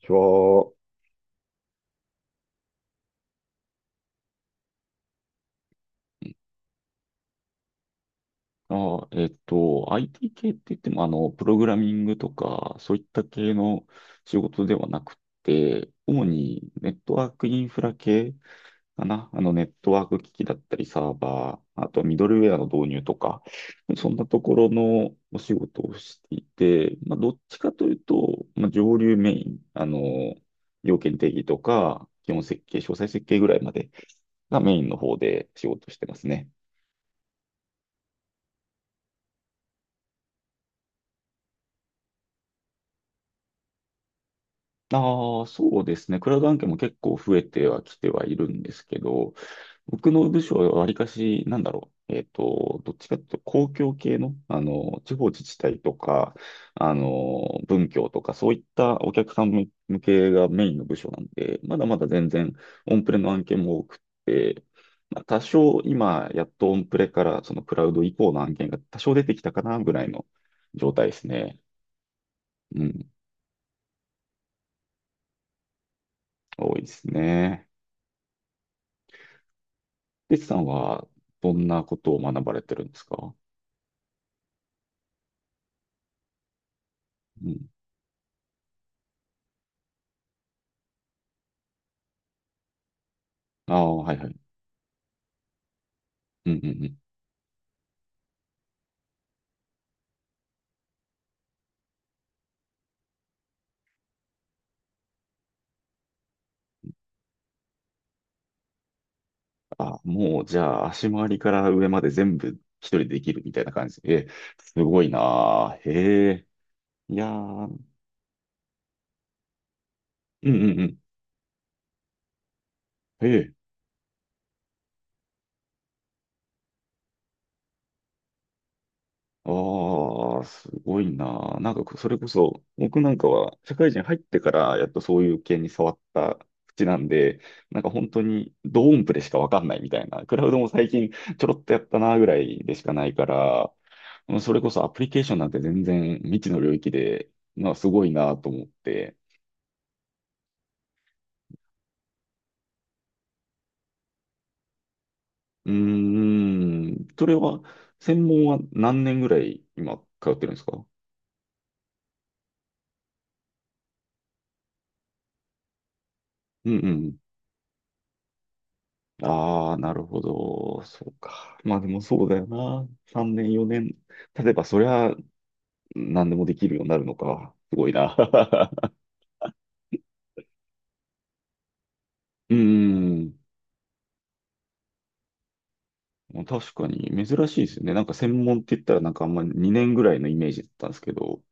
ちは、あ、IT 系って言っても、プログラミングとか、そういった系の仕事ではなくて、主にネットワークインフラ系かな。ネットワーク機器だったり、サーバー、あとミドルウェアの導入とか、そんなところのお仕事をしていて、まあ、どっちかというと、まあ、上流メイン、要件定義とか、基本設計、詳細設計ぐらいまでがメインの方で仕事してますね。ああ、そうですね。クラウド案件も結構増えてはきてはいるんですけど、僕の部署はわりかし、なんだろう。どっちかというと公共系の、地方自治体とか、文教とか、そういったお客さん向けがメインの部署なんで、まだまだ全然オンプレの案件も多くって、まあ、多少今、やっとオンプレからそのクラウド以降の案件が多少出てきたかなぐらいの状態ですね。うん、多いですね。リツさんはどんなことを学ばれてるんですか？うん。ああ、はいはい。うんうんうん。あ、もうじゃあ足回りから上まで全部一人でできるみたいな感じ。え、すごいな。あ、へえ。いやー。うんうんうん。へえ。ああ、すごいな。あ、なんかそれこそ、僕なんかは社会人入ってからやっとそういう系に触った口なんで、なんか本当にドーンプレしかわかんないみたいな。クラウドも最近ちょろっとやったなぐらいでしかないから、うん、それこそアプリケーションなんて全然未知の領域で、まあすごいなと思って。うーん、それは、専門は何年ぐらい今通ってるんですか？うんうん。ああ、なるほど。そうか。まあでもそうだよな。3年、4年。例えばそりゃ何でもできるようになるのか。すごいな。うーん。まあ確かに珍しいですよね。なんか専門って言ったらなんかあんま2年ぐらいのイメージだったんですけど。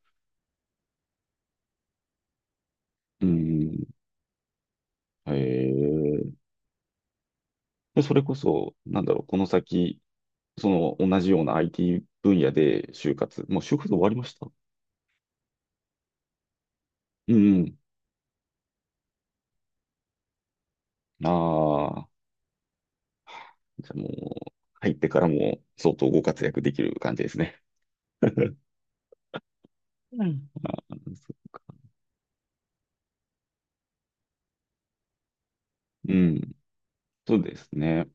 うーん。へえ。で、それこそ、なんだろう、この先、その同じような IT 分野で就活、もう就活終わりました？うんうん。ああ、じゃあもう、入ってからも相当ご活躍できる感じですね。うん。あー、そう。うん、そうですね。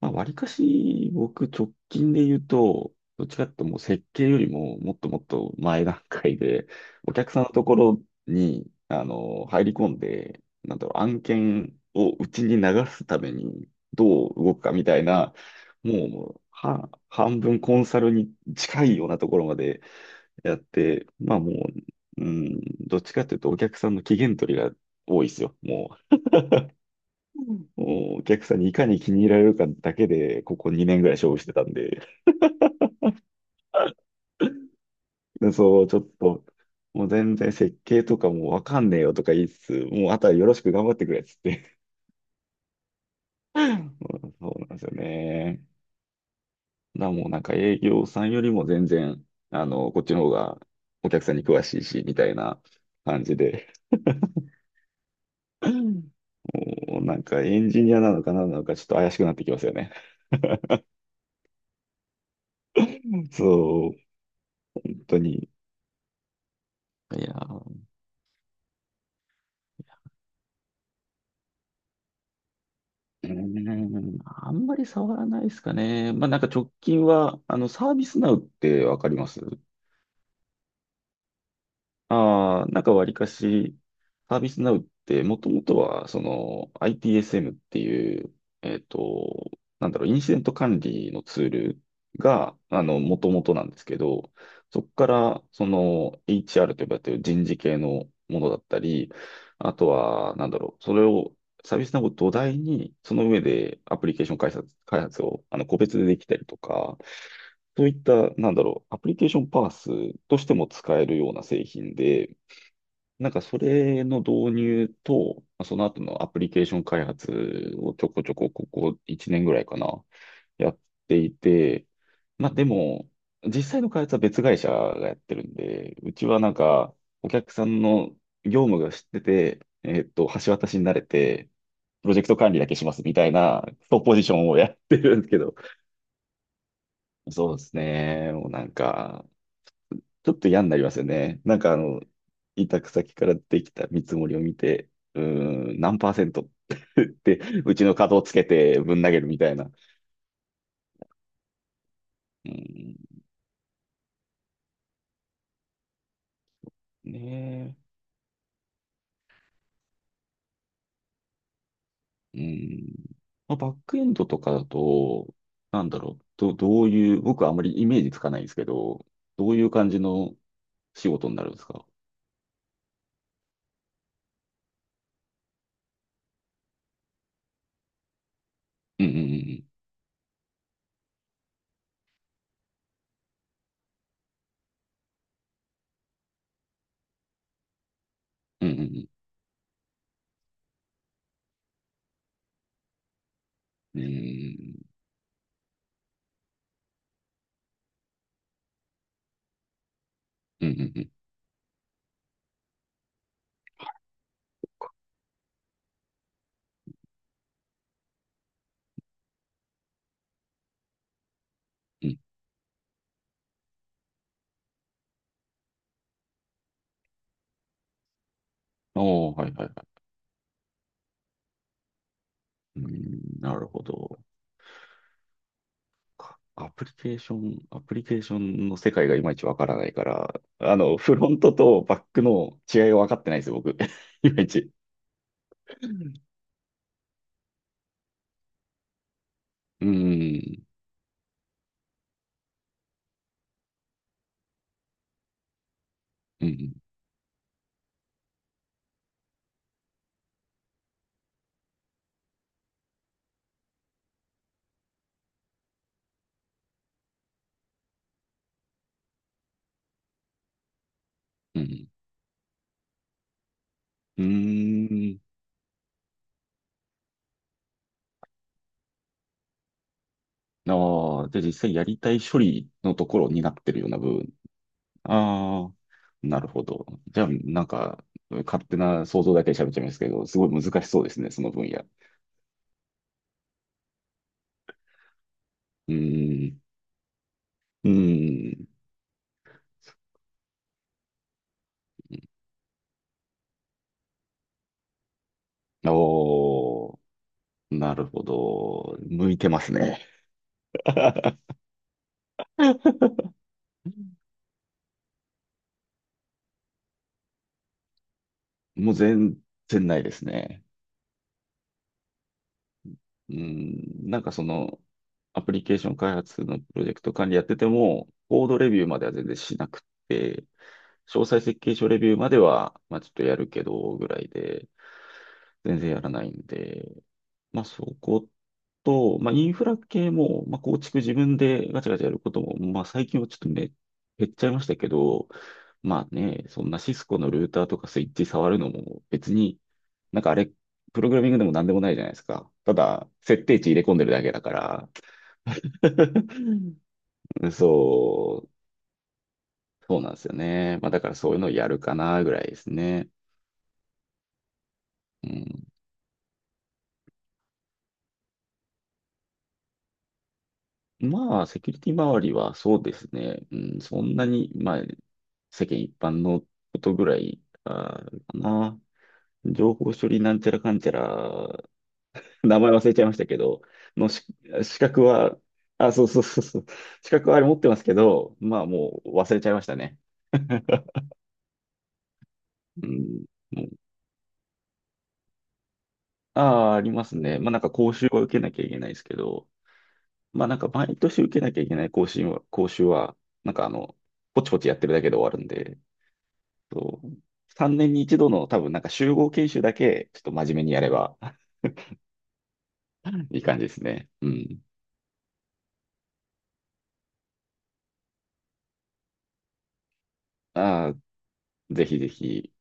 まあ、わりかし、僕、直近で言うと、どっちかっていうともう設計よりも、もっともっと前段階で、お客さんのところに、入り込んで、なんだろう、案件をうちに流すために、どう動くかみたいな、もう、半分コンサルに近いようなところまでやって、まあもう、うん、どっちかっていうと、お客さんの期限取りが多いですよ。もう、うん、お客さんにいかに気に入られるかだけで、ここ2年ぐらい勝負してたんで、でそう、ちょっと、もう全然設計とかもうわかんねえよとか言いつつ、もうあとはよろしく頑張ってくれっつって。うん、そうなんですよね。だからもうなんか営業さんよりも全然、こっちの方がお客さんに詳しいし、みたいな感じで、うん、もうなんかエンジニアなのか何なのかちょっと怪しくなってきますよね。うん、そう、本当に。いやー、うーん、あんまり触らないですかね。まあなんか直近は、サービスナウってわかります？ああ、なんかわりかし、サービスナウってもともとは、その ITSM っていう、えっと、なんだろう、インシデント管理のツールが、もともとなんですけど、そこから、その HR と呼ばれている人事系のものだったり、あとは、なんだろう、それを、サービスナウを土台に、その上でアプリケーション開発を、個別でできたりとか、そういった、なんだろう、アプリケーションパースとしても使えるような製品で、なんかそれの導入と、まあその後のアプリケーション開発をちょこちょこここ1年ぐらいかな、やっていて、まあでも、実際の開発は別会社がやってるんで、うちはなんかお客さんの業務が知ってて、橋渡しになれて、プロジェクト管理だけしますみたいな、トップポジションをやってるんですけど、そうですね、もうなんか、ちょっと嫌になりますよね。なんか委託先からできた見積もりを見て、うーん、何パーセント ってうちの角をつけてぶん投げるみたいな。うん、ねえ。うん。まあ、バックエンドとかだと、なんだろう、どういう、僕はあまりイメージつかないんですけど、どういう感じの仕事になるんですか？うんうんうんうん。うんうんうん。うんうんうんうん。おー、はいはいはい。うん、なるほど。アプリケーションの世界がいまいちわからないから、フロントとバックの違いが分かってないですよ、僕。いまいち。うん、うん、うん、うん。ああー、じゃあ実際やりたい処理のところになってるような部分。ああ、なるほど。じゃあ、なんか、勝手な想像だけで喋っちゃいますけど、すごい難しそうですね、その分野。うーん、うーん。おー、なるほど。向いてますね。もう全然ないですね。うん、なんかその、アプリケーション開発のプロジェクト管理やってても、コードレビューまでは全然しなくって、詳細設計書レビューまでは、まあちょっとやるけど、ぐらいで、全然やらないんで、まあ、そこと、まあ、インフラ系も、まあ、構築自分でガチャガチャやることも、まあ、最近はちょっと減っちゃいましたけど、まあね、そんなシスコのルーターとかスイッチ触るのも別に、なんかあれ、プログラミングでも何でもないじゃないですか。ただ、設定値入れ込んでるだけだから。そう、そうなんですよね。まあだからそういうのをやるかなぐらいですね。うん、まあ、セキュリティ周りはそうですね。うん、そんなに、まあ、世間一般のことぐらいかな。情報処理なんちゃらかんちゃら、名前忘れちゃいましたけど、のし資格は、あ、そうそうそうそう、資格はあれ持ってますけど、まあもう忘れちゃいましたね。うん、もうああ、ありますね。まあなんか講習は受けなきゃいけないですけど、まあなんか毎年受けなきゃいけない講習は、なんかポチポチやってるだけで終わるんで、そう、3年に一度の多分なんか集合研修だけ、ちょっと真面目にやれば、いい感じですね。うん。ああ、ぜひぜひ、